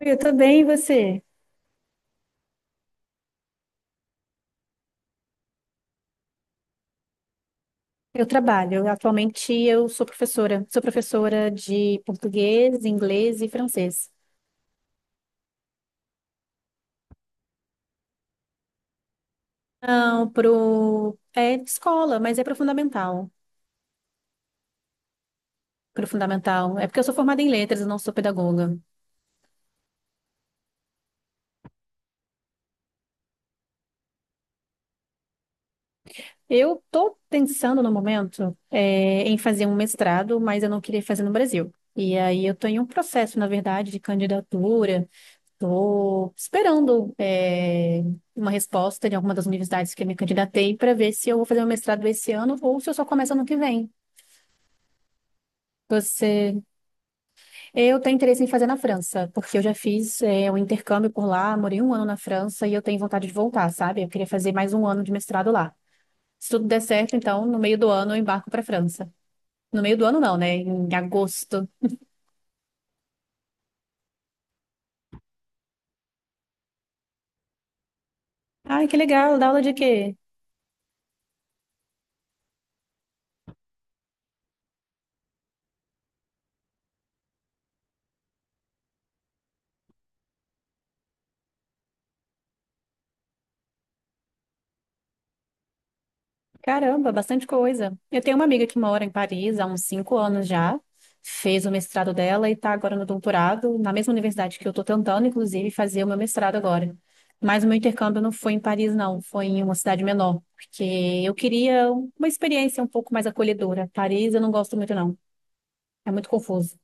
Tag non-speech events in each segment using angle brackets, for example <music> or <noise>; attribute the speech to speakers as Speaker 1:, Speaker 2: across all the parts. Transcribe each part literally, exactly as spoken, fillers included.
Speaker 1: Eu também, e você? Eu trabalho. Atualmente eu sou professora. Sou professora de português, inglês e francês. Não, pro... é escola, mas é pro fundamental. Pro fundamental. É porque eu sou formada em letras, eu não sou pedagoga. Eu tô pensando no momento é, em fazer um mestrado, mas eu não queria fazer no Brasil. E aí eu tô em um processo, na verdade, de candidatura. Estou esperando é, uma resposta de alguma das universidades que eu me candidatei para ver se eu vou fazer meu mestrado esse ano ou se eu só começo ano que vem. Você, eu tenho interesse em fazer na França, porque eu já fiz é, um intercâmbio por lá, morei um ano na França e eu tenho vontade de voltar, sabe? Eu queria fazer mais um ano de mestrado lá. Se tudo der certo, então no meio do ano eu embarco para a França. No meio do ano não, né? Em agosto. Ai, que legal! Dá aula de quê? Caramba, bastante coisa. Eu tenho uma amiga que mora em Paris há uns cinco anos já, fez o mestrado dela e está agora no doutorado, na mesma universidade que eu estou tentando, inclusive, fazer o meu mestrado agora. Mas o meu intercâmbio não foi em Paris, não, foi em uma cidade menor, porque eu queria uma experiência um pouco mais acolhedora. Paris eu não gosto muito, não. É muito confuso.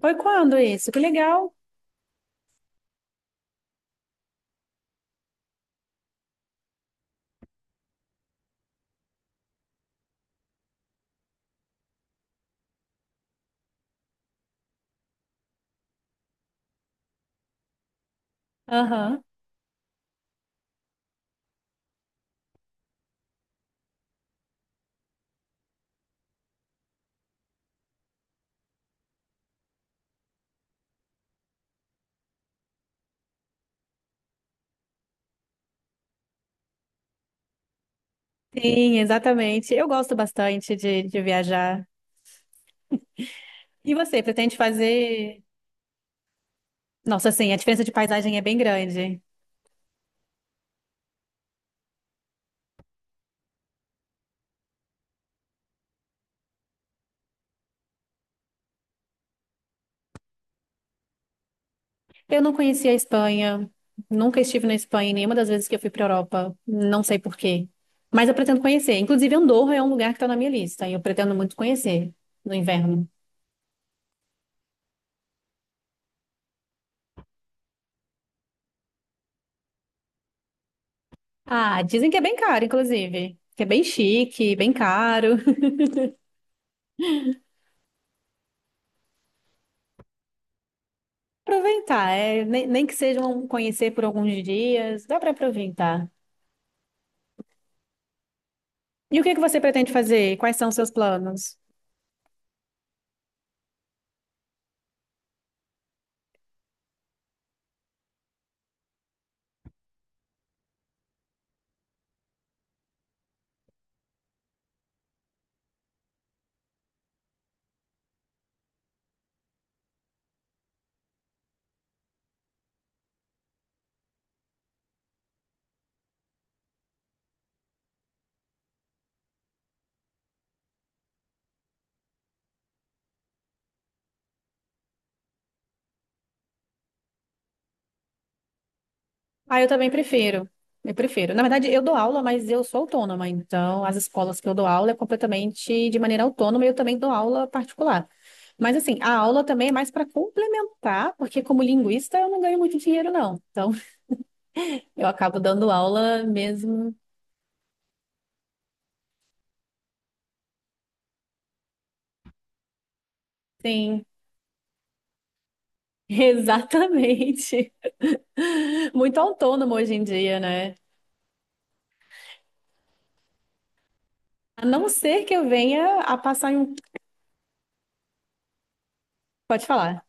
Speaker 1: Foi quando isso? Que legal. Aham. Sim, exatamente. Eu gosto bastante de, de viajar. E você, pretende fazer? Nossa, sim, a diferença de paisagem é bem grande. Eu não conhecia a Espanha, nunca estive na Espanha em nenhuma das vezes que eu fui para Europa, não sei por quê. Mas eu pretendo conhecer. Inclusive, Andorra é um lugar que está na minha lista e eu pretendo muito conhecer no inverno. Ah, dizem que é bem caro, inclusive, que é bem chique, bem caro. <laughs> Aproveitar, é, nem, nem que sejam conhecer por alguns dias, dá para aproveitar. E o que é que você pretende fazer? Quais são os seus planos? Ah, eu também prefiro. Eu prefiro. Na verdade, eu dou aula, mas eu sou autônoma. Então, as escolas que eu dou aula é completamente de maneira autônoma e eu também dou aula particular. Mas, assim, a aula também é mais para complementar, porque como linguista eu não ganho muito dinheiro, não. Então, <laughs> eu acabo dando aula mesmo. Sim, <laughs> exatamente. Muito autônomo hoje em dia, né? A não ser que eu venha a passar em um. Pode falar.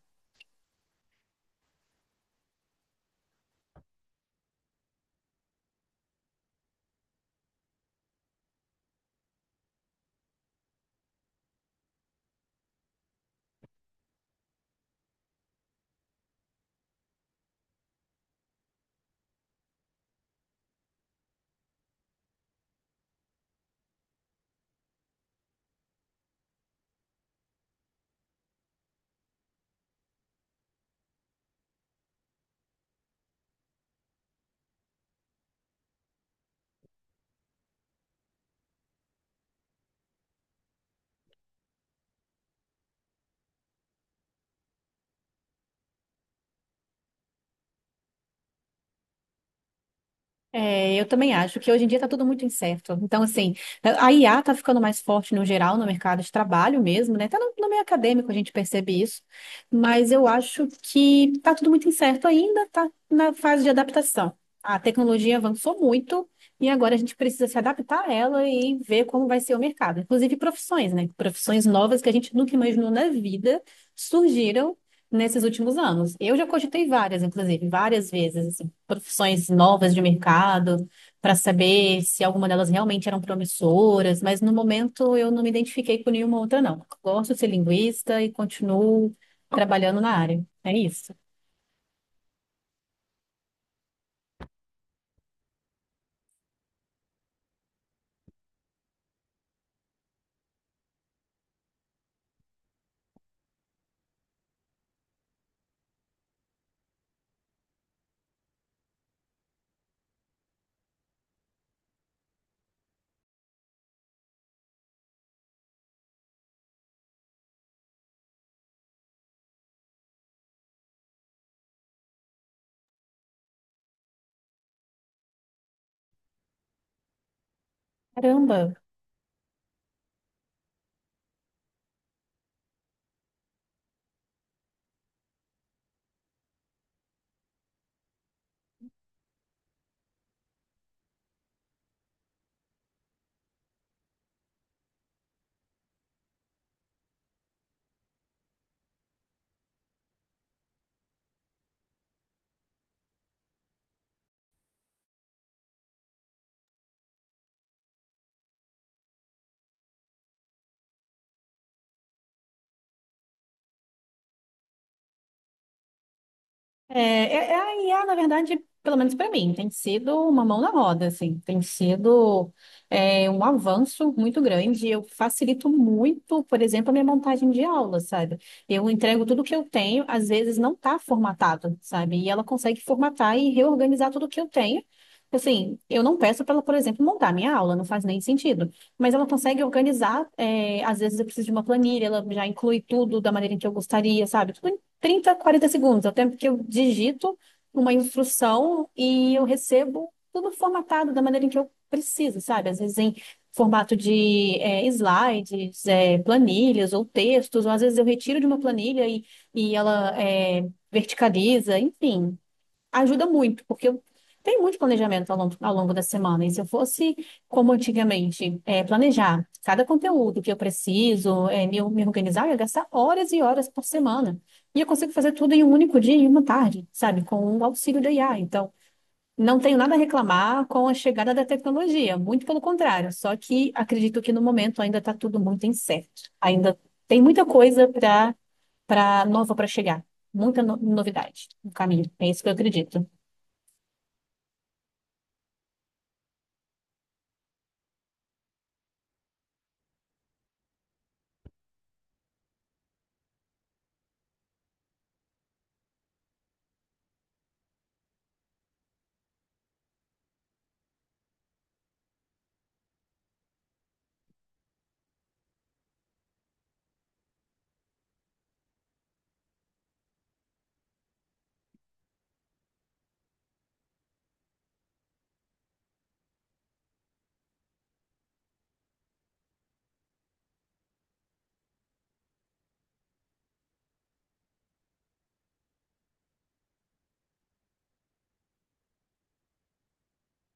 Speaker 1: É, eu também acho que hoje em dia está tudo muito incerto. Então, assim, a I A está ficando mais forte no geral, no mercado de trabalho mesmo, né? Até no, no meio acadêmico a gente percebe isso, mas eu acho que está tudo muito incerto ainda, está na fase de adaptação. A tecnologia avançou muito e agora a gente precisa se adaptar a ela e ver como vai ser o mercado. Inclusive profissões, né? Profissões novas que a gente nunca imaginou na vida surgiram nesses últimos anos. Eu já cogitei várias, inclusive, várias vezes profissões novas de mercado, para saber se alguma delas realmente eram promissoras, mas no momento eu não me identifiquei com nenhuma outra, não. Gosto de ser linguista e continuo trabalhando na área. É isso. Caramba! É, é, é a I A, na verdade, pelo menos para mim, tem sido uma mão na roda, assim, tem sido é, um avanço muito grande. Eu facilito muito, por exemplo, a minha montagem de aula, sabe? Eu entrego tudo que eu tenho, às vezes não está formatado, sabe? E ela consegue formatar e reorganizar tudo que eu tenho. Assim, eu não peço para ela, por exemplo, montar minha aula, não faz nem sentido. Mas ela consegue organizar, é, às vezes eu preciso de uma planilha, ela já inclui tudo da maneira em que eu gostaria, sabe? Tudo trinta, quarenta segundos, é o tempo que eu digito uma instrução e eu recebo tudo formatado da maneira em que eu preciso, sabe? Às vezes em formato de é, slides, é, planilhas ou textos, ou às vezes eu retiro de uma planilha e, e ela é, verticaliza, enfim ajuda muito, porque eu tenho muito planejamento ao longo, ao longo da semana. E se eu fosse, como antigamente, é, planejar cada conteúdo que eu preciso, é, me, me organizar, eu ia gastar horas e horas por semana. E eu consigo fazer tudo em um único dia, em uma tarde, sabe? Com o auxílio da I A. Então, não tenho nada a reclamar com a chegada da tecnologia, muito pelo contrário. Só que acredito que no momento ainda está tudo muito incerto. Ainda tem muita coisa para para nova para chegar, muita no- novidade no caminho. É isso que eu acredito.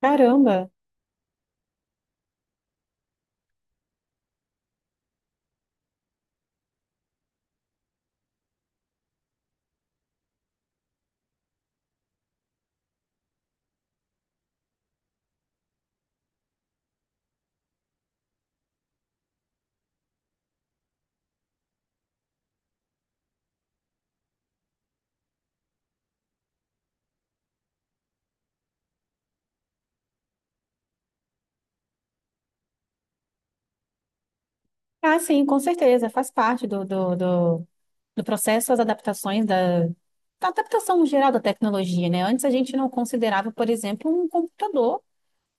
Speaker 1: Caramba! Ah, sim, com certeza. Faz parte do, do, do, do processo as adaptações da, da adaptação geral da tecnologia, né? Antes a gente não considerava, por exemplo, um computador.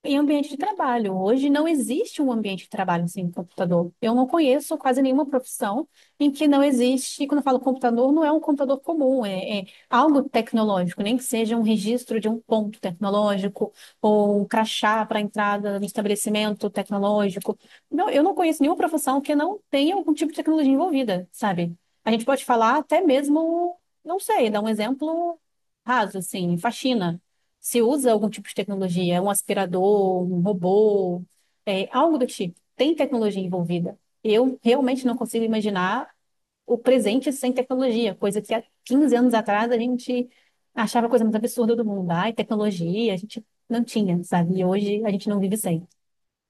Speaker 1: Em ambiente de trabalho. Hoje não existe um ambiente de trabalho sem um computador. Eu não conheço quase nenhuma profissão em que não existe, quando eu falo computador, não é um computador comum, é, é algo tecnológico, nem que seja um registro de um ponto tecnológico ou um crachá para entrada no estabelecimento tecnológico. Não, eu não conheço nenhuma profissão que não tenha algum tipo de tecnologia envolvida, sabe? A gente pode falar até mesmo, não sei, dar um exemplo raso, assim, faxina. Se usa algum tipo de tecnologia, um aspirador, um robô, é, algo do tipo. Tem tecnologia envolvida. Eu realmente não consigo imaginar o presente sem tecnologia, coisa que há quinze anos atrás a gente achava a coisa mais absurda do mundo. Ai, tecnologia, a gente não tinha, sabe? E hoje a gente não vive sem.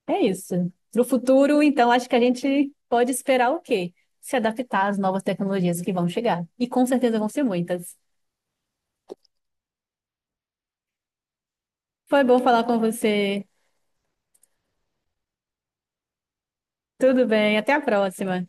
Speaker 1: É isso. Para o futuro, então, acho que a gente pode esperar o quê? Se adaptar às novas tecnologias que vão chegar. E com certeza vão ser muitas. Foi bom falar com você. Tudo bem, até a próxima.